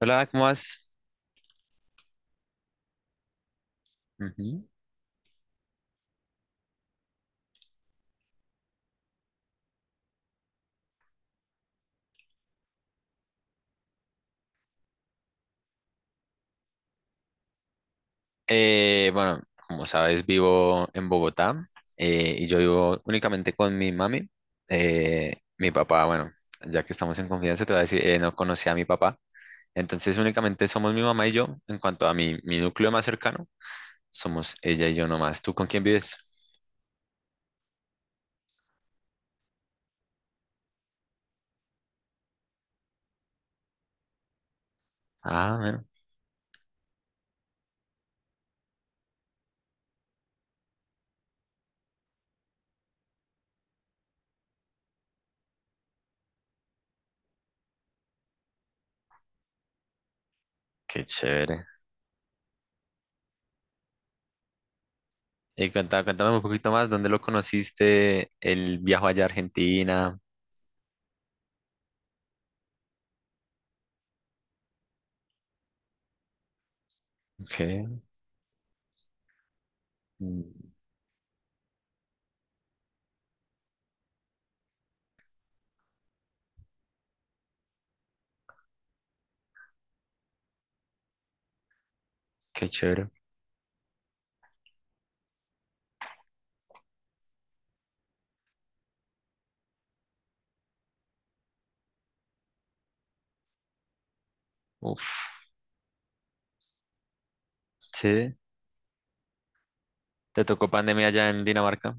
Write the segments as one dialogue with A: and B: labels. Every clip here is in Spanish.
A: Hola, ¿cómo vas? Ujú. Bueno, como sabes, vivo en Bogotá, y yo vivo únicamente con mi mami. Mi papá, bueno, ya que estamos en confianza, te voy a decir, no conocí a mi papá. Entonces, únicamente somos mi mamá y yo. En cuanto a mi núcleo más cercano, somos ella y yo nomás. ¿Tú con quién vives? Ah, bueno, qué chévere. Y cuéntame un poquito más, ¿dónde lo conociste? El viaje allá a Argentina. Ok, mm, qué chévere. Uf, sí. ¿Te tocó pandemia allá en Dinamarca?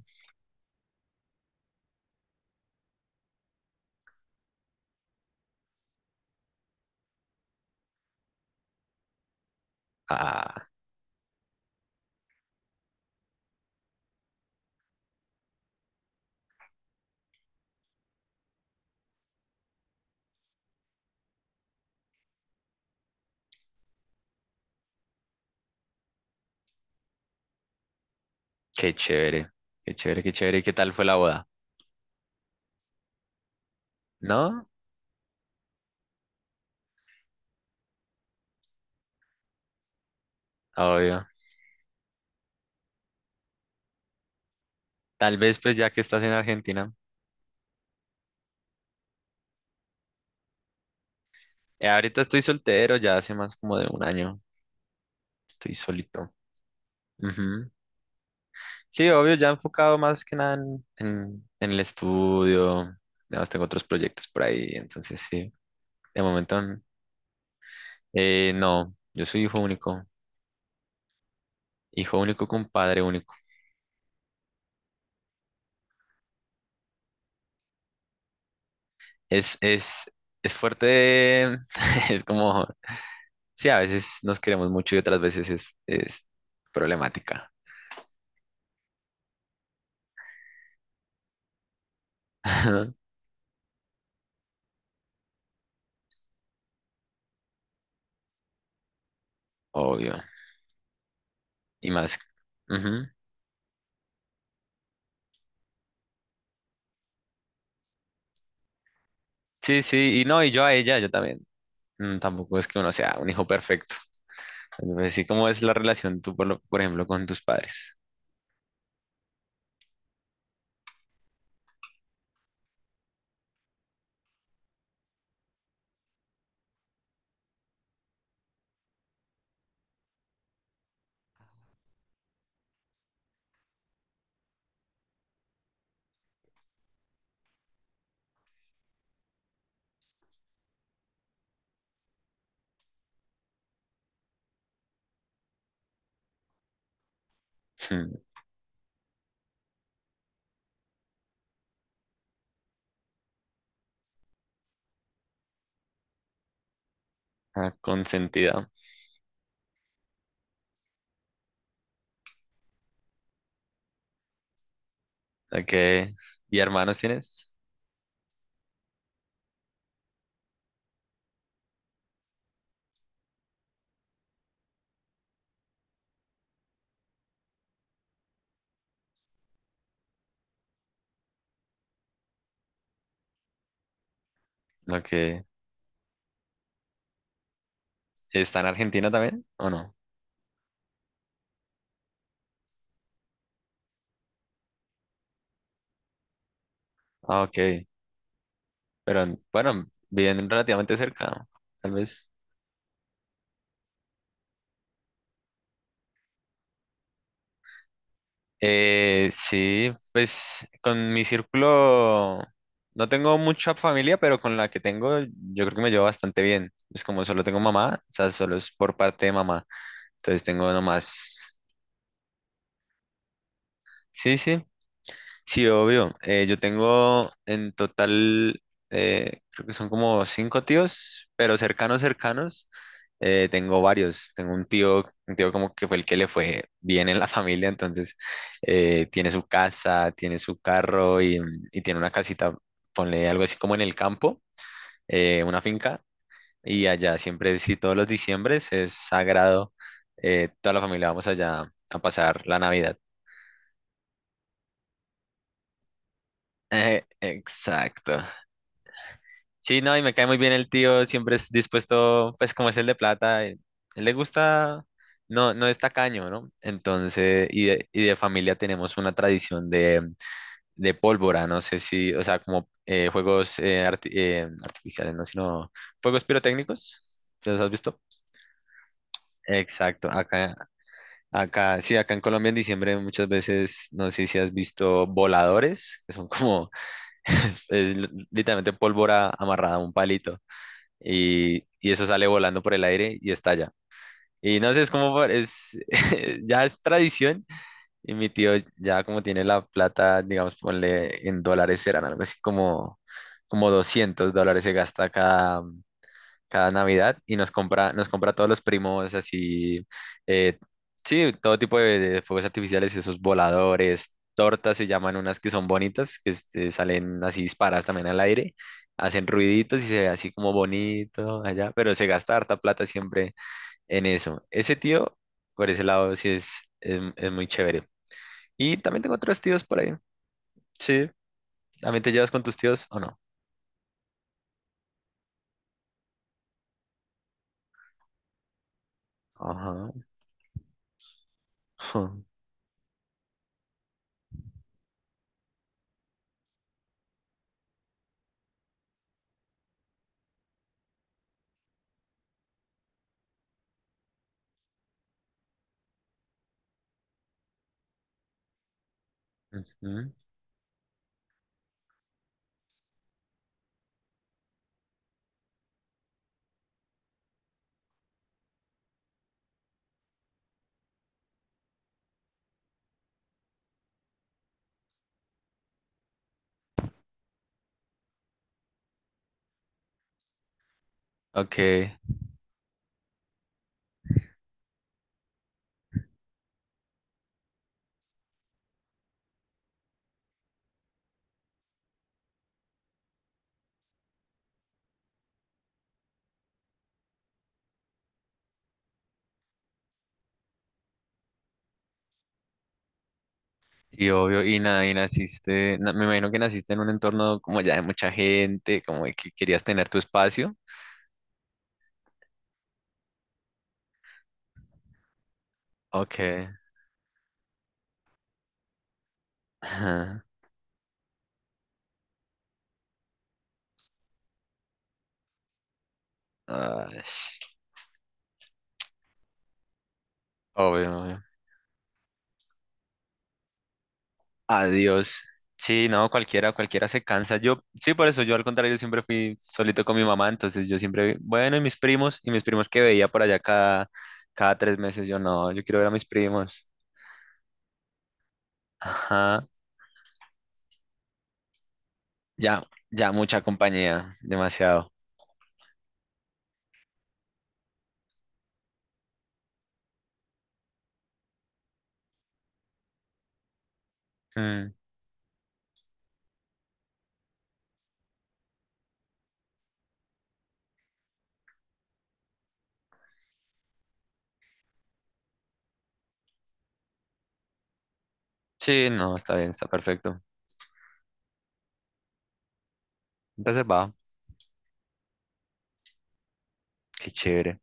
A: Ah, qué chévere, qué chévere, qué chévere. ¿Y qué tal fue la boda? ¿No? Obvio. Tal vez pues ya que estás en Argentina. Ahorita estoy soltero, ya hace más como de un año. Estoy solito. Ujú. Sí, obvio, ya enfocado más que nada en el estudio. Además tengo otros proyectos por ahí, entonces sí. De momento, no, yo soy hijo único. Hijo único con padre único. Es, es, es fuerte, es como. Sí, a veces nos queremos mucho y otras veces es problemática. Obvio. Y más. Ujú. Sí, sí, y no, y yo a ella, yo también. Tampoco es que uno sea un hijo perfecto. Entonces, sí, ¿cómo es la relación tú, por ejemplo, con tus padres? Mm, ah, consentida. Okay. ¿Y hermanos tienes? Okay. ¿Está en Argentina también o no? Ah, ok. Pero bueno, viven relativamente cerca, ¿no? Tal vez. Sí, pues con mi círculo no tengo mucha familia, pero con la que tengo yo creo que me llevo bastante bien. Es como solo tengo mamá, o sea, solo es por parte de mamá. Entonces tengo nomás, sí, sí, sí, obvio. Yo tengo en total, creo que son como cinco tíos, pero cercanos, cercanos, tengo varios. Tengo un tío como que fue el que le fue bien en la familia, entonces tiene su casa, tiene su carro y tiene una casita, ponle algo así como en el campo, una finca, y allá siempre, sí, todos los diciembres es sagrado, toda la familia vamos allá a pasar la Navidad. Exacto. Sí, no, y me cae muy bien el tío, siempre es dispuesto, pues como es el de plata, él, le gusta, no, no es tacaño, ¿no? Entonces, y y de familia tenemos una tradición de pólvora, no sé si, o sea, como juegos artificiales, no, sino juegos pirotécnicos, ¿te los has visto? Exacto, acá, sí, acá en Colombia en diciembre muchas veces, no sé si has visto voladores, que son como, es literalmente pólvora amarrada a un palito y eso sale volando por el aire y estalla. Y no sé, es como, ya es tradición y mi tío ya como tiene la plata, digamos, ponle en dólares, serán algo así como $200 se gasta cada Navidad y nos compra a todos los primos así, eh, sí, todo tipo de fuegos artificiales, esos voladores, tortas se llaman unas que son bonitas, salen así disparadas también al aire, hacen ruiditos y se ve así como bonito allá, pero se gasta harta plata siempre en eso. Ese tío, por ese lado, sí es muy chévere. Y también tengo otros tíos por ahí, sí, ¿también te llevas con tus tíos o no? Ajá. Ujú. Ok. Sí, obvio, y nada, y me imagino que naciste en un entorno como ya de mucha gente, como de que querías tener tu espacio. Ok. Ajá. Ah, obvio, obvio. Adiós. Sí, no, cualquiera, cualquiera se cansa. Yo, sí, por eso, yo al contrario, yo siempre fui solito con mi mamá, entonces yo siempre, bueno, y mis primos, que veía por allá cada 3 meses, yo no, yo quiero ver a mis primos. Ajá, ya, ya mucha compañía, demasiado. Mm, sí, no, está bien, está perfecto. Entonces va. Qué chévere.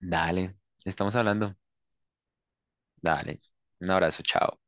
A: Dale, estamos hablando. Dale, un abrazo, chao.